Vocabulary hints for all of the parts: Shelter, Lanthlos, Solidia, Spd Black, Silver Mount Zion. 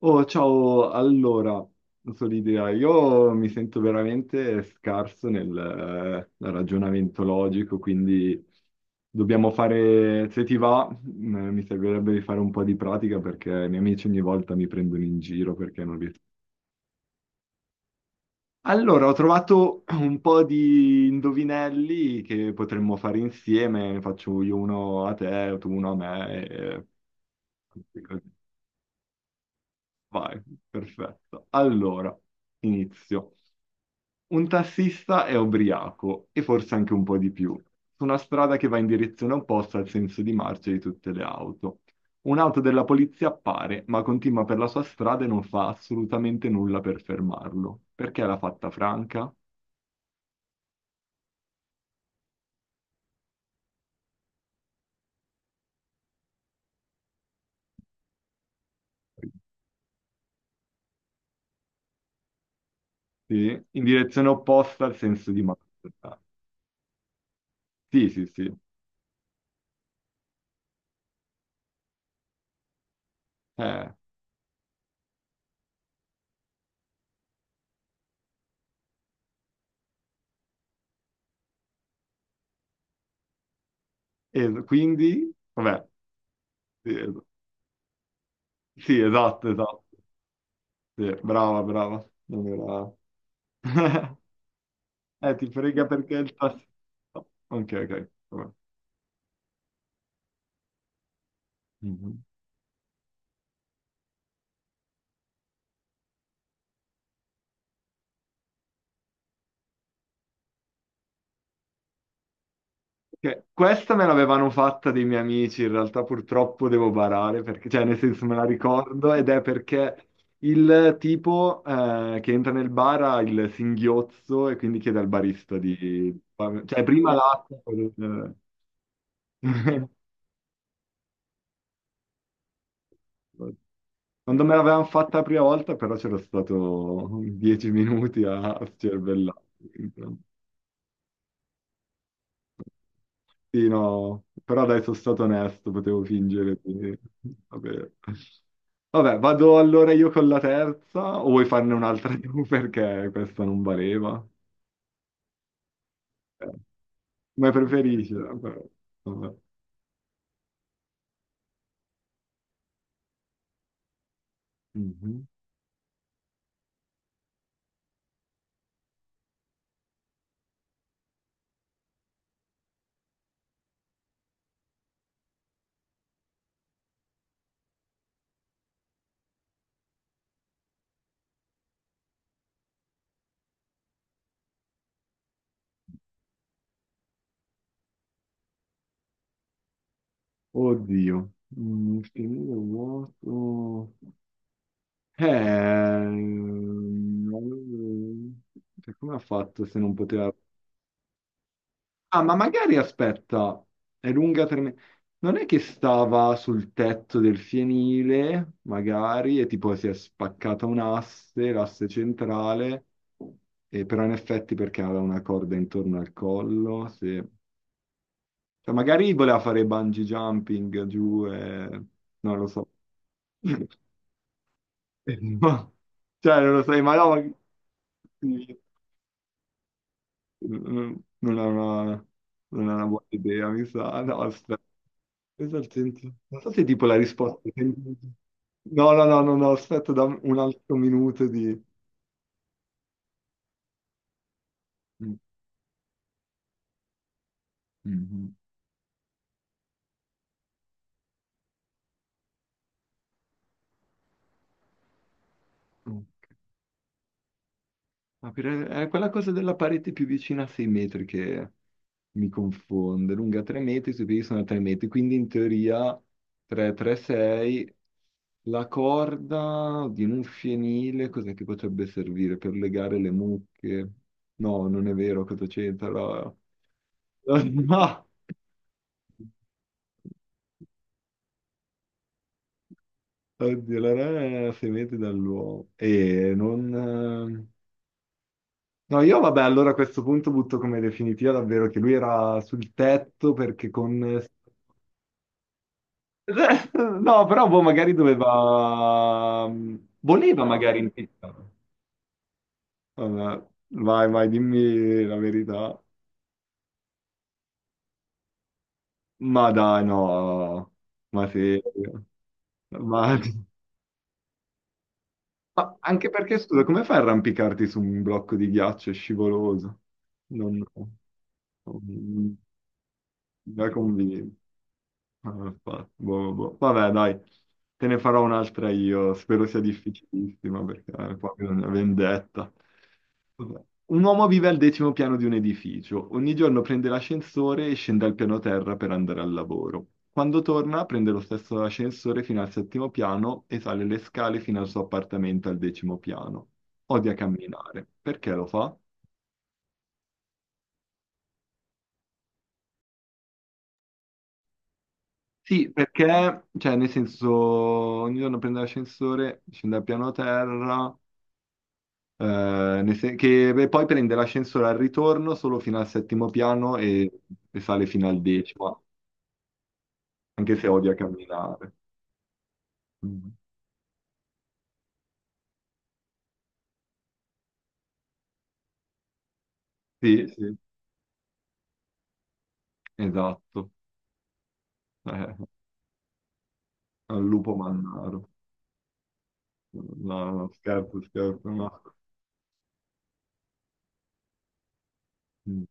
Oh, ciao, allora, Solidia, io mi sento veramente scarso nel, nel ragionamento logico, quindi dobbiamo fare, se ti va, mi servirebbe di fare un po' di pratica perché i miei amici ogni volta mi prendono in giro perché non riesco. Allora, ho trovato un po' di indovinelli che potremmo fare insieme, ne faccio io uno a te, tu uno a me, e... così, così. Vai, perfetto. Allora, inizio. Un tassista è ubriaco e forse anche un po' di più, su una strada che va in direzione opposta al senso di marcia di tutte le auto. Un'auto della polizia appare, ma continua per la sua strada e non fa assolutamente nulla per fermarlo. Perché l'ha fatta franca? Sì, in direzione opposta al senso di marcia. Sì, sì, sì. Eh, e quindi, vabbè, sì, es- sì, esatto, esatto. Sì, brava, brava. Non era... ti frega perché il tasto... Ok, ok, vabbè. Mhm. Ok, questa me l'avevano fatta dei miei amici, in realtà purtroppo devo barare, perché, cioè nel senso me la ricordo ed è perché il tipo che entra nel bar ha il singhiozzo e quindi chiede al barista di... Cioè prima l'acqua... Quando me l'avevano fatta la prima volta però c'ero stato 10 minuti a scervellare. Sì, no, però dai, sono stato onesto, potevo fingere. Quindi, vabbè. Vabbè, vado allora io con la terza, o vuoi farne un'altra tu perché questa non valeva? Eh, Come preferisci? Vabbè. Mhm. Oddio, finire vuoto. Eh, cioè, come ha fatto se non poteva? Ah, ma magari aspetta, è lunga tre me- non è che stava sul tetto del fienile, magari, e tipo si è spaccata un'asse, l'asse centrale, e però in effetti perché aveva una corda intorno al collo, sì. Cioè, magari voleva fare bungee jumping giù e... non lo so. No. Cioè, non lo sai, ma no, ma- Mm, non è una, non è una buona idea, mi sa. No, aspetta, pensa al senso. Non so se tipo la risposta. No, no, no, no, no, aspetta, da un altro minuto di... Mm, mm, mm. È quella cosa della parete più vicina a 6 metri che mi confonde. Lunga 3 metri, sui piedi sono 3 metri, quindi in teoria 3, 3, 6. La corda di un fienile, cos'è che potrebbe servire per legare le mucche? No, non è vero, cosa c'entra? No! Oddio, la rana è a 6 metri dall'uomo. E non... No, io vabbè, allora a questo punto butto come definitiva davvero che lui era sul tetto perché con... No, però boh, magari doveva... voleva magari impiccare. Vabbè, vai, vai, dimmi la verità. Ma dai, no. Ma sì. Ma... ma anche perché, scusa, come fai a arrampicarti su un blocco di ghiaccio scivoloso? Non... Non mi ha convinto. Ah, boh, boh, boh. Vabbè, dai, te ne farò un'altra io. Spero sia difficilissima perché qua bisogna vendetta. Vabbè. Un uomo vive al 10º piano di un edificio. Ogni giorno prende l'ascensore e scende al piano terra per andare al lavoro. Quando torna, prende lo stesso ascensore fino al 7º piano e sale le scale fino al suo appartamento al 10º piano. Odia camminare. Perché lo fa? Sì, perché, cioè, nel senso, ogni giorno prende l'ascensore, scende al piano terra. Eh, che beh, poi prende l'ascensore al ritorno solo fino al 7º piano e sale fino al decimo, anche se odia camminare. Mm. Sì, sì, esatto. Eh, al lupo mannaro. No, no, scherzo, scherzo, no. Mm.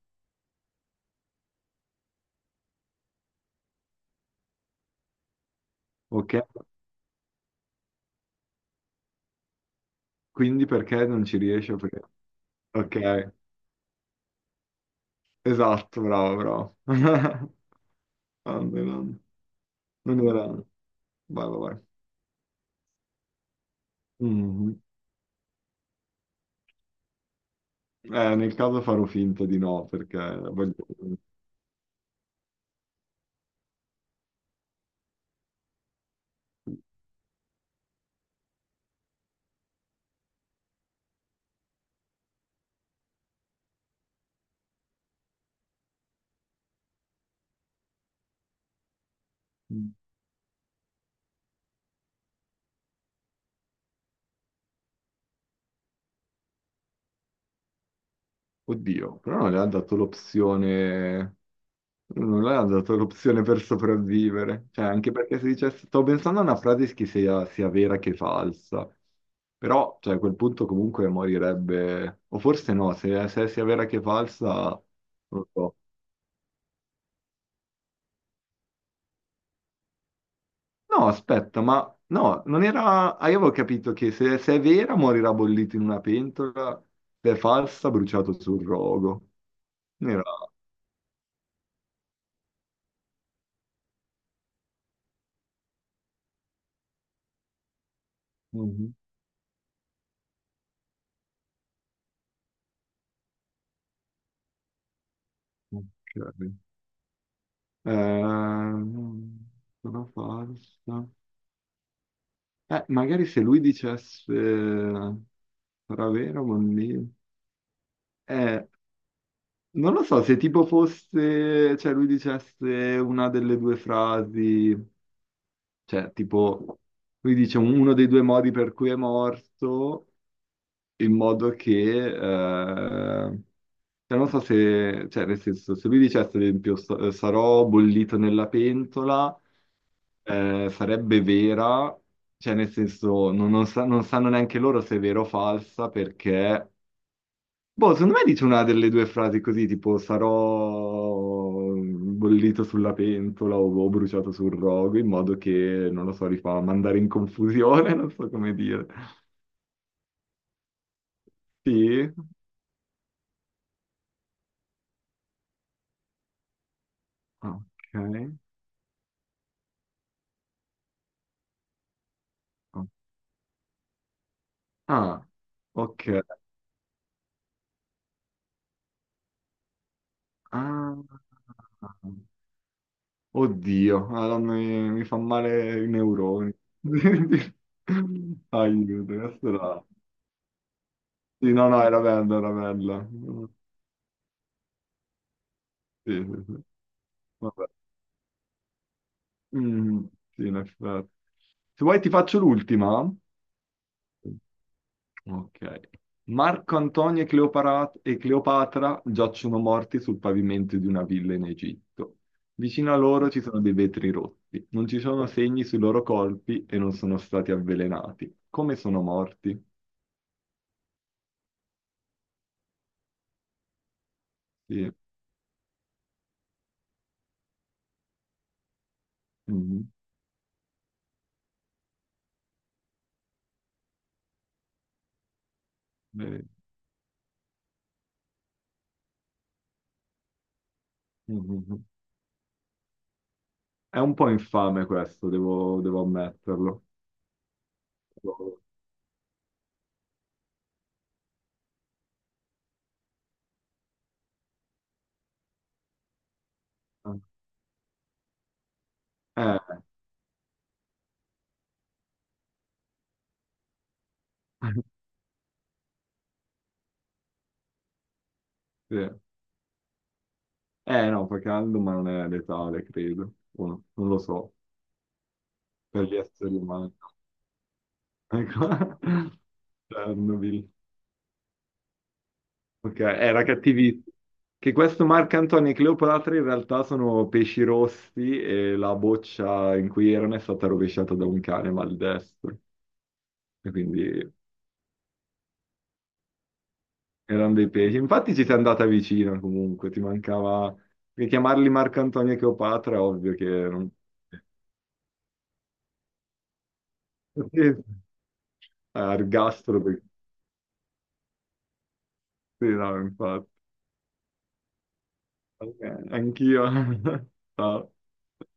Ok, quindi perché non ci riesce? Perché- ok, esatto, bravo, bravo. Grande, grande. Non era... Vai, vai, vai. Mhm. Nel caso farò finta di no, perché voglio... Oddio, però non le ha dato l'opzione, non le ha dato l'opzione per sopravvivere, cioè anche perché se dicesse, stavo pensando a una frase che sia, sia vera che falsa, però cioè, a quel punto comunque morirebbe, o forse no, se, se sia vera che falsa, non lo so. No, aspetta, ma no, non era, ah, io avevo capito che se, se è vera morirà bollito in una pentola, se è falsa bruciato sul rogo, non era... Mhm. Ok. Ehm, sono falsa. Magari se lui dicesse sarà vero, bambino. Eh, non lo so, se tipo fosse, cioè lui dicesse una delle due frasi, cioè tipo, lui dice uno dei due modi per cui è morto, in modo che, cioè, non so se, cioè, nel senso, se lui dicesse, ad esempio, sarò bollito nella pentola, sarebbe vera, cioè, nel senso, non, non sanno neanche loro se è vera o falsa, perché, boh, secondo me dice una delle due frasi così, tipo, sarò bollito sulla pentola o bruciato sul rogo, in modo che, non lo so, li fa mandare in confusione, non so come dire. Sì, ok. ok. Ah, ok. Ah, oddio, Madonna, mi fa male i neuroni. Aiuto, questa era... Sì, no, no, era bella, era bella. Sì, sì, sì. Vabbè. Mm, sì, in effetti. Se vuoi ti faccio l'ultima. Ok. Marco Antonio e Cleopatra giacciono morti sul pavimento di una villa in Egitto. Vicino a loro ci sono dei vetri rotti. Non ci sono segni sui loro colpi e non sono stati avvelenati. Come sono morti? Sì. Mhm. Eh, mhm. È un po' infame questo, devo, devo ammetterlo. Eh, sì. No, fa caldo, ma non è letale, credo. O no, non lo so, per gli esseri umani. Ecco. Chernobyl. Ok, era cattivissimo. Che questo Marco Antonio e Cleopatra in realtà sono pesci rossi e la boccia in cui erano è stata rovesciata da un cane maldestro. E quindi erano dei pesci. Infatti ci sei andata vicino comunque, ti mancava... Perché chiamarli Marco Antonio e Cleopatra è ovvio che non... Sì, ergastolo, perché... sì, no, infatti. Ok, anch'io. Ciao.